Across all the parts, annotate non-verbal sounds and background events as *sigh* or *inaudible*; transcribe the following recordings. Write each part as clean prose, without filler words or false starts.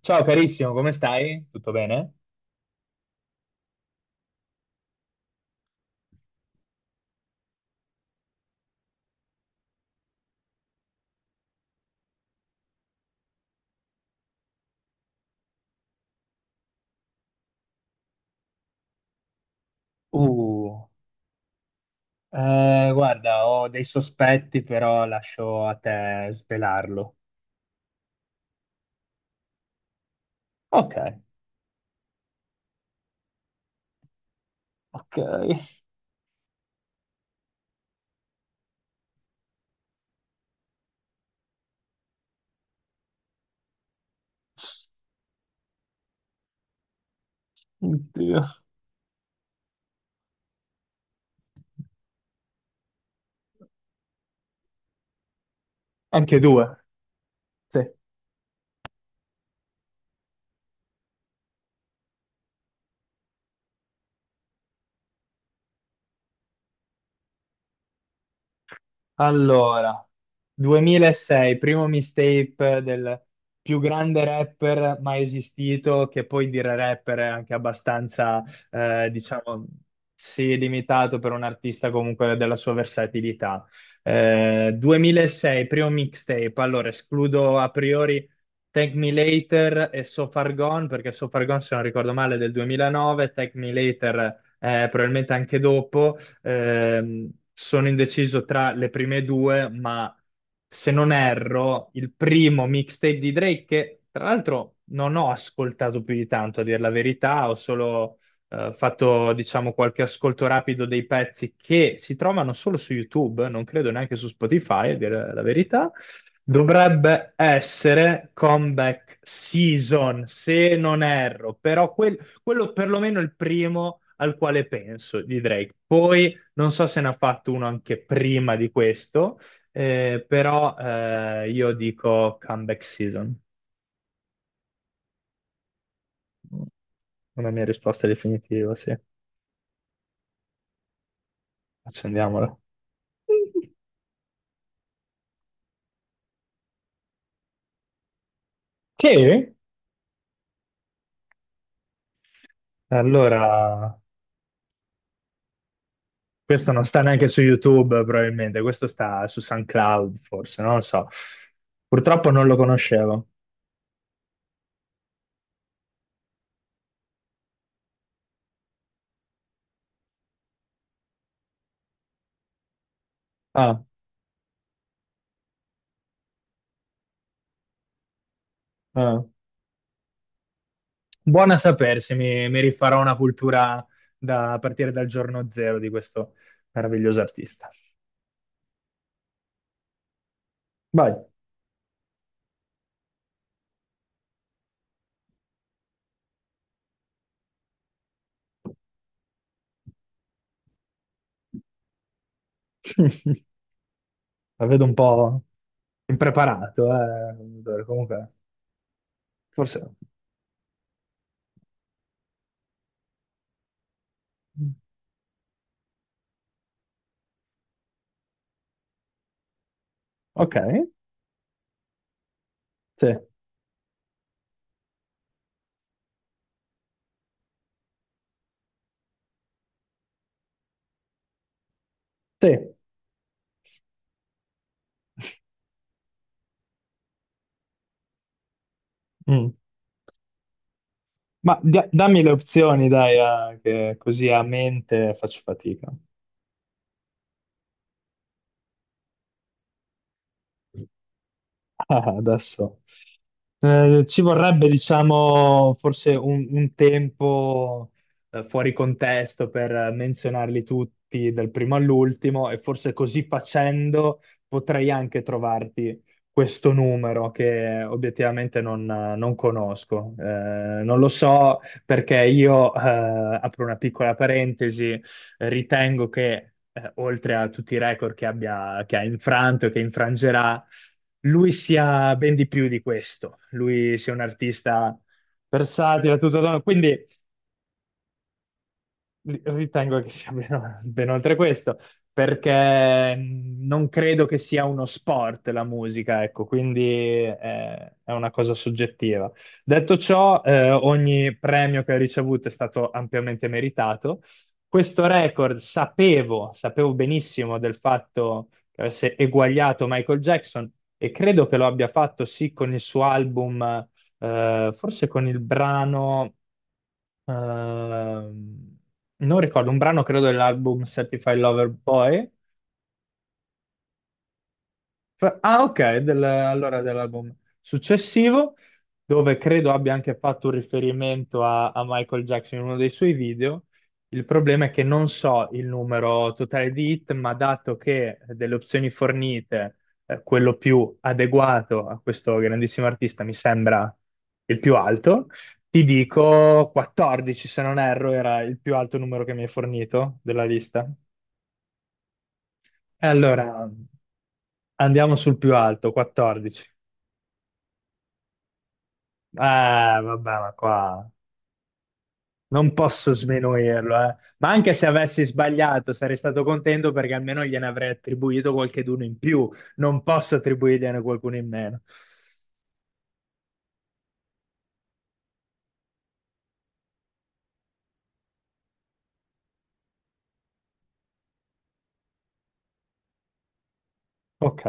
Ciao carissimo, come stai? Tutto bene? Uh, guarda, ho dei sospetti, però lascio a te svelarlo. Ok, ok. Oddio. Anche due. Sì. Allora, 2006, primo mixtape del più grande rapper mai esistito, che poi dire rapper è anche abbastanza, diciamo, sì, limitato per un artista comunque della sua versatilità. 2006, primo mixtape, allora escludo a priori Thank Me Later e So Far Gone, perché So Far Gone, se non ricordo male, è del 2009. Thank Me Later, probabilmente anche dopo. Sono indeciso tra le prime due, ma se non erro, il primo mixtape di Drake, che tra l'altro non ho ascoltato più di tanto, a dire la verità, ho solo fatto, diciamo, qualche ascolto rapido dei pezzi che si trovano solo su YouTube, non credo neanche su Spotify, a dire la verità. Dovrebbe essere Comeback Season, se non erro, però quello perlomeno è il primo al quale penso di Drake. Poi non so se ne ha fatto uno anche prima di questo, però io dico comeback season. Una mia risposta definitiva, sì. Accendiamola. *laughs* Sì? Allora, questo non sta neanche su YouTube, probabilmente, questo sta su SoundCloud, forse, non lo so. Purtroppo non lo conoscevo. Ah, ah. Buona sapersi, mi rifarò una cultura da, a partire dal giorno zero di questo meraviglioso artista. Vai. *laughs* La vedo un po' impreparato, eh. Amadore, comunque, forse... Ok, sì, sì. Mm. Ma dammi le opzioni, dai, che così a mente faccio fatica. *laughs* Ah, adesso ci vorrebbe, diciamo, forse un tempo fuori contesto per menzionarli tutti dal primo all'ultimo, e forse così facendo potrei anche trovarti questo numero che obiettivamente non conosco. Non lo so perché io, apro una piccola parentesi, ritengo che oltre a tutti i record che abbia, che ha infranto e che infrangerà, lui sia ben di più di questo. Lui sia un artista versatile, tutto, quindi ritengo che sia *laughs* ben oltre questo, perché non credo che sia uno sport la musica, ecco, quindi eh, è una cosa soggettiva. Detto ciò, ogni premio che ho ricevuto è stato ampiamente meritato. Questo record sapevo benissimo del fatto che avesse eguagliato Michael Jackson, e credo che lo abbia fatto sì con il suo album, forse con il brano. Ehm, Non ricordo, un brano credo dell'album Certified Lover Boy. Ah, ok, allora dell'album successivo, dove credo abbia anche fatto un riferimento a Michael Jackson in uno dei suoi video. Il problema è che non so il numero totale di hit, ma dato che delle opzioni fornite, quello più adeguato a questo grandissimo artista mi sembra il più alto, ti dico 14, se non erro, era il più alto numero che mi hai fornito della lista. E allora andiamo sul più alto, 14. Eh, Vabbè, ma qua non posso sminuirlo, eh. Ma anche se avessi sbagliato, sarei stato contento perché almeno gliene avrei attribuito qualcheduno in più. Non posso attribuirgliene qualcuno in meno. Ok.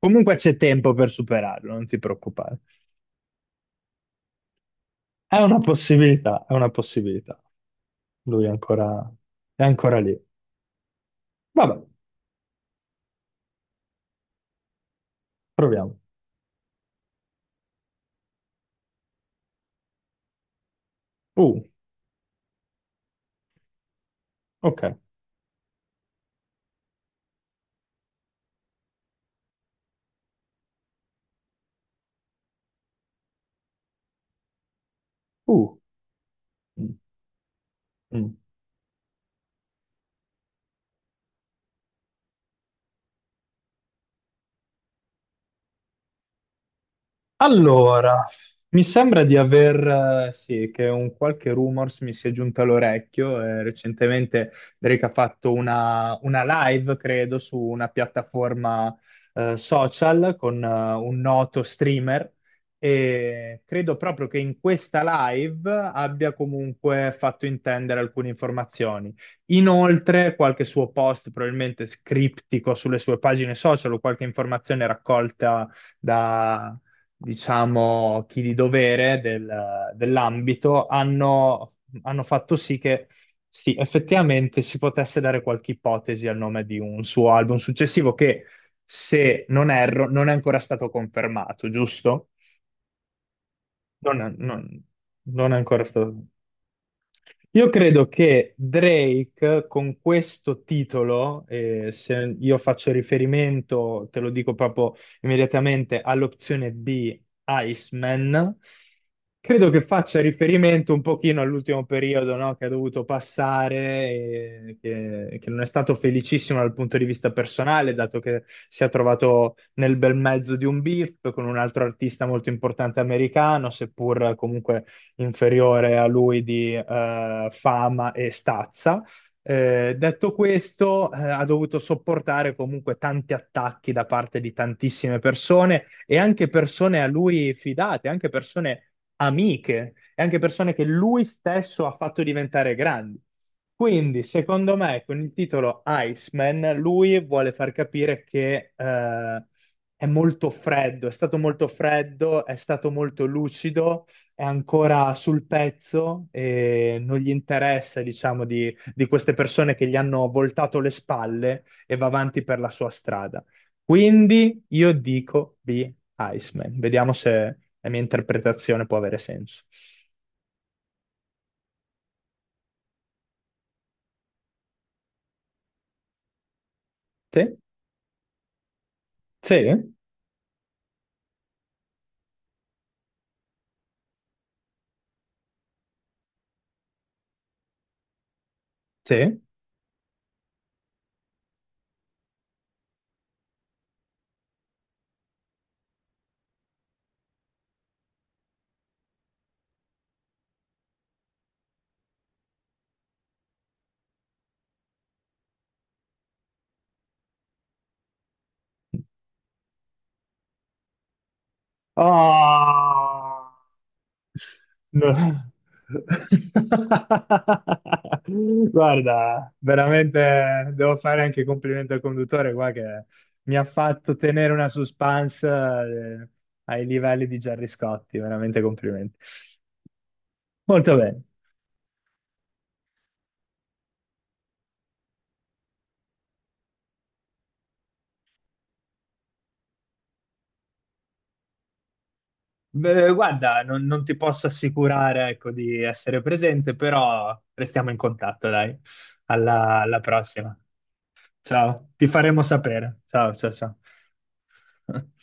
Comunque c'è tempo per superarlo, non ti preoccupare. È una possibilità, è una possibilità. Lui è ancora, è ancora lì. Vabbè, proviamo. Uh, ok. Uh, mm, mm. Allora, mi sembra di aver, sì, che un qualche rumors mi sia giunto all'orecchio. Recentemente Drake ha fatto una live, credo, su una piattaforma, social con un noto streamer, e credo proprio che in questa live abbia comunque fatto intendere alcune informazioni. Inoltre, qualche suo post, probabilmente criptico, sulle sue pagine social, o qualche informazione raccolta da, diciamo, chi di dovere dell'ambito, hanno fatto sì che sì, effettivamente si potesse dare qualche ipotesi al nome di un suo album successivo che, se non erro, non è ancora stato confermato, giusto? Non è, non- non è ancora stato. Io credo che Drake con questo titolo, se io faccio riferimento, te lo dico proprio immediatamente, all'opzione B, Iceman, credo che faccia riferimento un pochino all'ultimo periodo, no, che ha dovuto passare, e che non è stato felicissimo dal punto di vista personale, dato che si è trovato nel bel mezzo di un beef con un altro artista molto importante americano, seppur comunque inferiore a lui di fama e stazza. Detto questo, ha dovuto sopportare comunque tanti attacchi da parte di tantissime persone, e anche persone a lui fidate, anche persone amiche e anche persone che lui stesso ha fatto diventare grandi. Quindi, secondo me, con il titolo Iceman, lui vuole far capire che è molto freddo, è stato molto freddo, è stato molto lucido, è ancora sul pezzo e non gli interessa, diciamo, di queste persone che gli hanno voltato le spalle, e va avanti per la sua strada. Quindi io dico B. Iceman. Vediamo se la mia interpretazione può avere senso. Sì? Sì? Sì? Ah! No. *laughs* Guarda, veramente devo fare anche i complimenti al conduttore qua che mi ha fatto tenere una suspense ai livelli di Gerry Scotti, veramente complimenti. Molto bene. Beh, guarda, non ti posso assicurare, ecco, di essere presente, però restiamo in contatto, dai. Alla alla prossima. Ciao, ti faremo sapere. Ciao, ciao, ciao. *laughs*